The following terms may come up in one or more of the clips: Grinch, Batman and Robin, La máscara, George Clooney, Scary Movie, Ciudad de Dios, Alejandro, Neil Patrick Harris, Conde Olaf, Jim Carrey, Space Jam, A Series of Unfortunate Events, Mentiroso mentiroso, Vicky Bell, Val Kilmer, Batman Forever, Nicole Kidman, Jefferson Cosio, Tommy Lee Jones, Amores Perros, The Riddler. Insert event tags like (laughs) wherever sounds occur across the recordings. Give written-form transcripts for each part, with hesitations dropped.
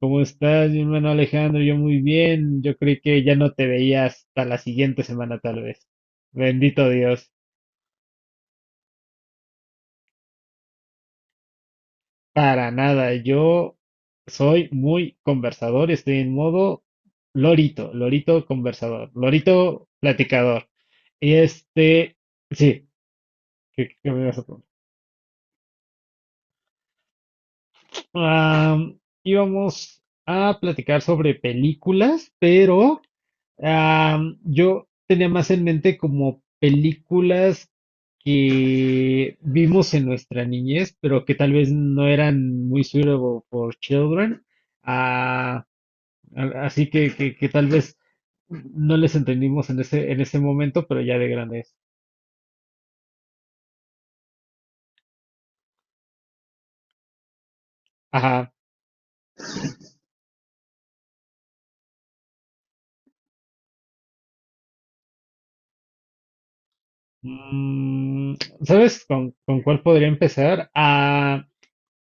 ¿Cómo estás, mi hermano Alejandro? Yo muy bien. Yo creí que ya no te veía hasta la siguiente semana, tal vez. Bendito Dios. Para nada. Yo soy muy conversador. Estoy en modo lorito, lorito conversador, lorito platicador. Y este, sí, ¿qué me ibas a preguntar? Am, Íbamos a platicar sobre películas, pero yo tenía más en mente como películas que vimos en nuestra niñez, pero que tal vez no eran muy suitable for children. Ah, así que tal vez no les entendimos en ese momento, pero ya de grandes. Ajá. Mm, ¿Sabes con cuál podría empezar? Ah,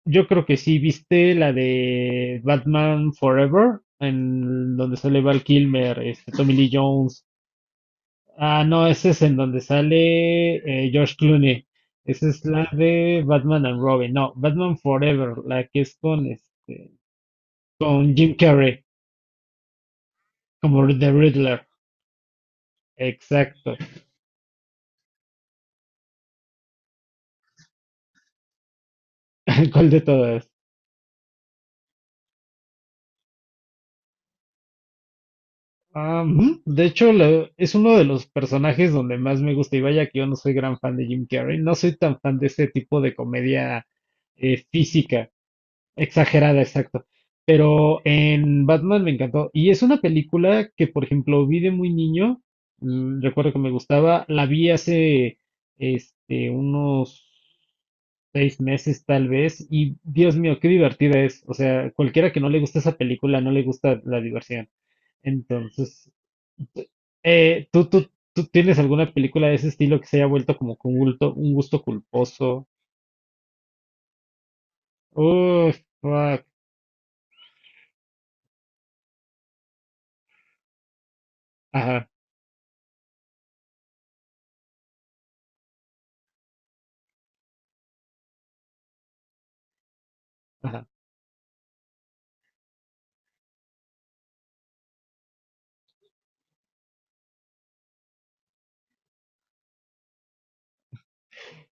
yo creo que sí. ¿Viste la de Batman Forever? En donde sale Val Kilmer, este, Tommy Lee Jones. Ah, no, ese es en donde sale George Clooney. Esa es la de Batman and Robin. No, Batman Forever, la que es con Jim Carrey, como The Riddler. Exacto. (laughs) ¿Cuál de todas? Ah, de hecho, es uno de los personajes donde más me gusta. Y vaya que yo no soy gran fan de Jim Carrey. No soy tan fan de ese tipo de comedia física, exagerada, exacto. Pero en Batman me encantó. Y es una película que, por ejemplo, vi de muy niño. Recuerdo que me gustaba. La vi hace unos 6 meses tal vez. Y Dios mío, qué divertida es. O sea, cualquiera que no le gusta esa película no le gusta la diversión. Entonces, ¿tú tienes alguna película de ese estilo que se haya vuelto como con un gusto culposo? Uh, Fuck. Ajá, ajá.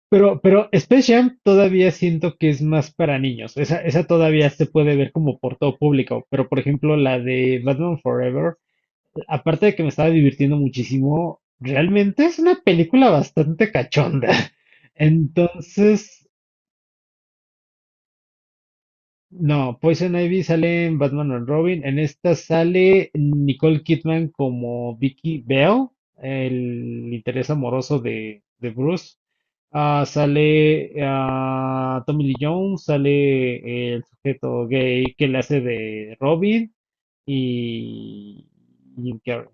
Pero Space Jam todavía siento que es más para niños. Esa todavía se puede ver como por todo público. Pero, por ejemplo, la de Batman Forever, aparte de que me estaba divirtiendo muchísimo, realmente es una película bastante cachonda. (laughs) Entonces, no, Poison Ivy sale en Batman and Robin. En esta sale Nicole Kidman como Vicky Bell, el interés amoroso de Bruce. Ah, sale Tommy Lee Jones, sale el sujeto gay que le hace de Robin y Jim Carrey.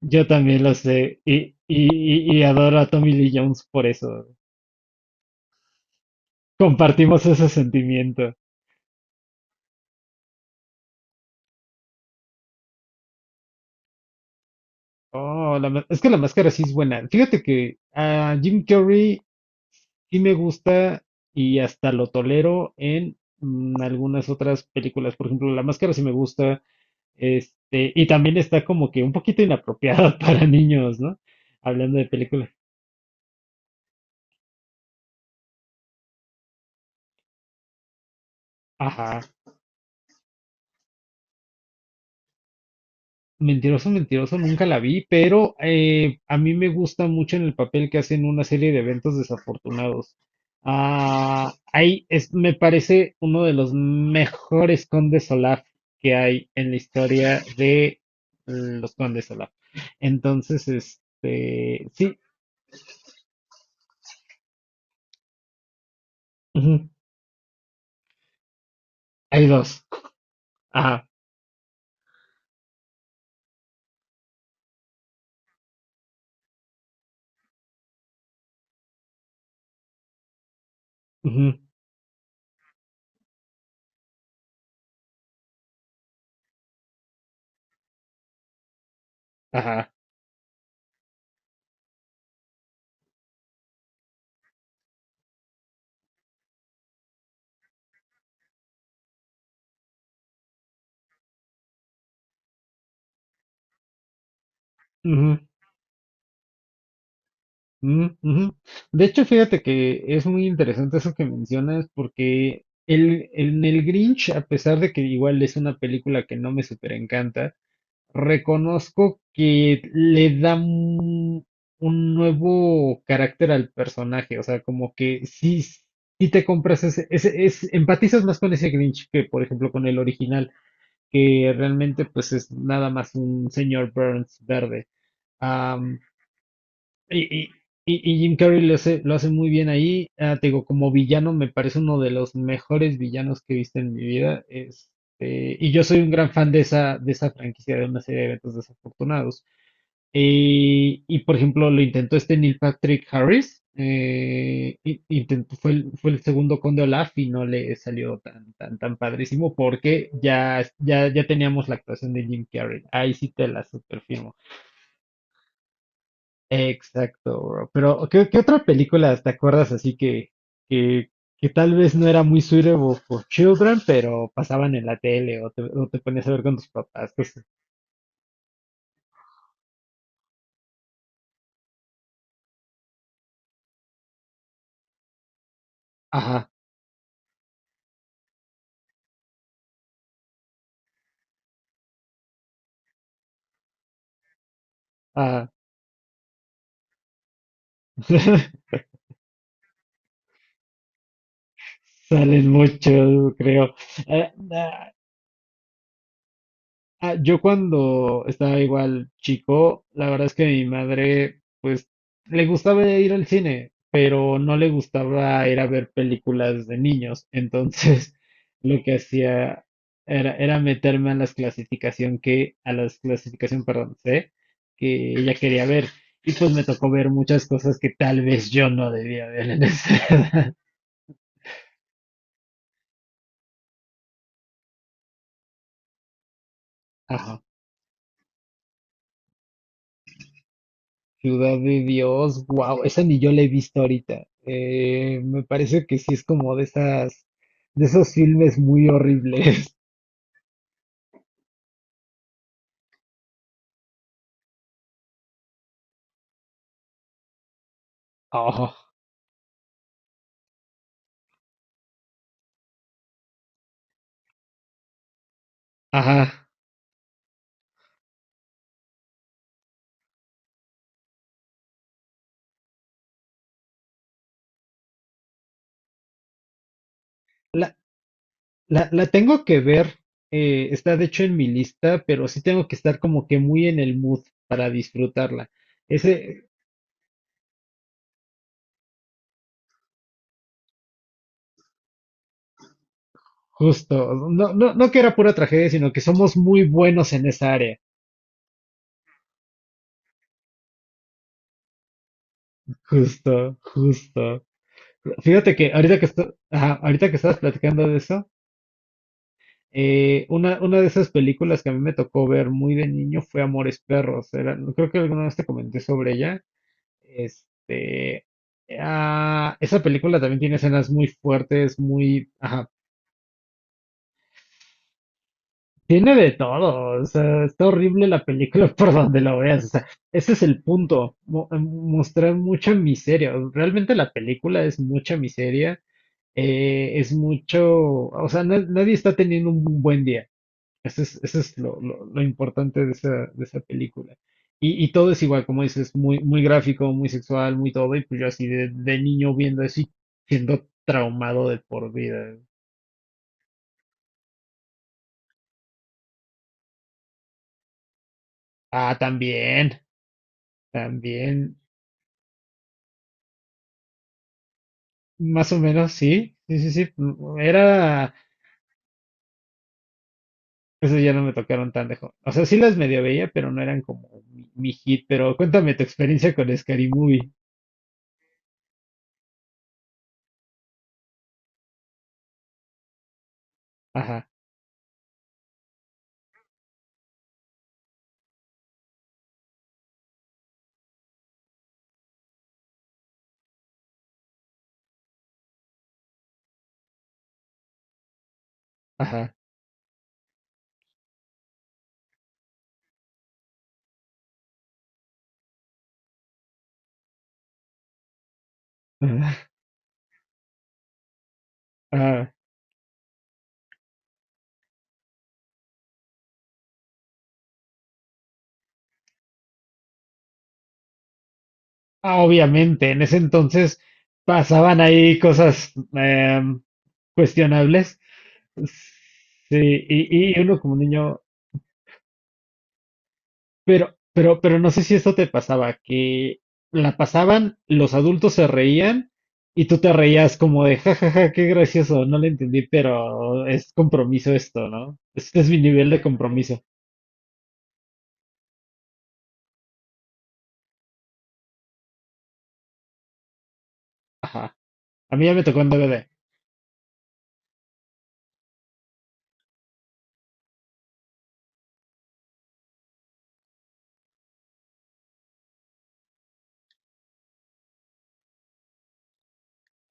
Yo también lo sé y adoro a Tommy Lee Jones por eso. Compartimos ese sentimiento. Oh, es que la máscara sí es buena. Fíjate que a Jim Carrey sí me gusta y hasta lo tolero en algunas otras películas. Por ejemplo, la máscara sí me gusta. Y también está como que un poquito inapropiada (laughs) para niños, ¿no? Hablando de películas. Ajá. Mentiroso, mentiroso, nunca la vi, pero a mí me gusta mucho en el papel que hacen una serie de eventos desafortunados. Ah, ahí es, me parece uno de los mejores condes Olaf que hay en la historia de los condes Olaf. Entonces, sí, ujú, hay dos. Ajá, ujú, ajá, ujú. Mm, ujú. De hecho, fíjate que es muy interesante eso que mencionas, porque en el Grinch, a pesar de que igual es una película que no me super encanta, reconozco que le da un nuevo carácter al personaje. O sea, como que sí, sí te compras empatizas más con ese Grinch que, por ejemplo, con el original, que realmente pues es nada más un señor Burns verde. Y, y- y Jim Carrey lo hace muy bien ahí. Ah, te digo, como villano me parece uno de los mejores villanos que he visto en mi vida. Y yo soy un gran fan de esa, franquicia, de una serie de eventos desafortunados. Y por ejemplo, lo intentó este Neil Patrick Harris. Intentó, fue el segundo Conde Olaf y no le salió tan, tan, tan padrísimo porque ya, ya, ya teníamos la actuación de Jim Carrey. Ahí sí te la superfirmo. Exacto, bro. Pero, ¿qué otra película te acuerdas así que, que tal vez no era muy suitable for children, pero pasaban en la tele o te ponías a ver con tus papás? Ajá, ah, (laughs) Salen mucho, creo. Eh, ah, yo cuando estaba igual chico, la verdad es que mi madre, pues, le gustaba ir al cine, pero no le gustaba ir a ver películas de niños. Entonces, (laughs) lo que hacía era meterme a las clasificación a las clasificación, perdón, C, que ella quería ver. Y pues me tocó ver muchas cosas que tal vez yo no debía ver en esa (laughs) edad. Ajá. Ciudad de Dios, wow, esa ni yo la he visto ahorita. Me parece que sí es como de esos filmes muy horribles. (laughs) Oh, ajá. La, la tengo que ver. Está de hecho en mi lista, pero sí tengo que estar como que muy en el mood para disfrutarla. Ese, justo, no, no, no que era pura tragedia, sino que somos muy buenos en esa área. Justo, justo. Fíjate que ahorita que ajá, ahorita que estabas platicando de eso. Una de esas películas que a mí me tocó ver muy de niño fue Amores Perros. Creo que alguna vez te comenté sobre ella. Este, Esa película también tiene escenas muy fuertes, ajá, tiene de todo. O sea, está horrible la película (laughs) por donde la veas. O sea, ese es el punto, mostrar mucha miseria. Realmente la película es mucha miseria. Es mucho, o sea, nadie está teniendo un buen día. Eso es lo importante de esa, película. Y todo es igual, como dices, muy, muy gráfico, muy sexual, muy todo. Y pues yo así de niño viendo eso y siendo traumado de por vida. Ah, también, también, más o menos, sí, sí, sí, sí. Eso ya no me tocaron tan de joven. O sea, sí las medio veía, pero no eran como mi hit. Pero cuéntame tu experiencia con Scary Movie. Ajá, ajá. (laughs) Ajá. Ah, obviamente, en ese entonces pasaban ahí cosas cuestionables. Sí, y uno como niño, pero no sé si esto te pasaba, que la pasaban, los adultos se reían y tú te reías como de jajaja, qué gracioso, no le entendí, pero es compromiso esto, ¿no? Este es mi nivel de compromiso. Ajá. A mí ya me tocó en DVD.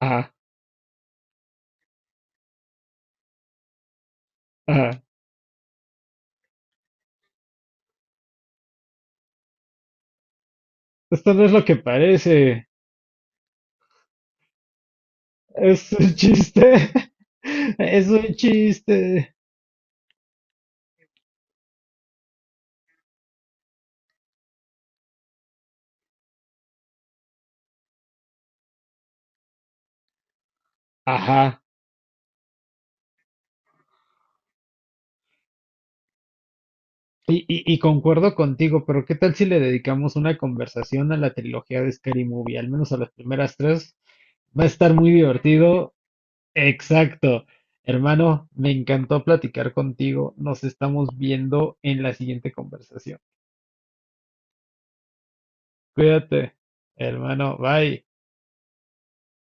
Ajá, ajá. Esto no es lo que parece. Es un chiste, (laughs) es un chiste. Ajá. Y concuerdo contigo, pero ¿qué tal si le dedicamos una conversación a la trilogía de Scary Movie? Al menos a las primeras tres. Va a estar muy divertido. Exacto. Hermano, me encantó platicar contigo. Nos estamos viendo en la siguiente conversación. Cuídate, hermano. Bye.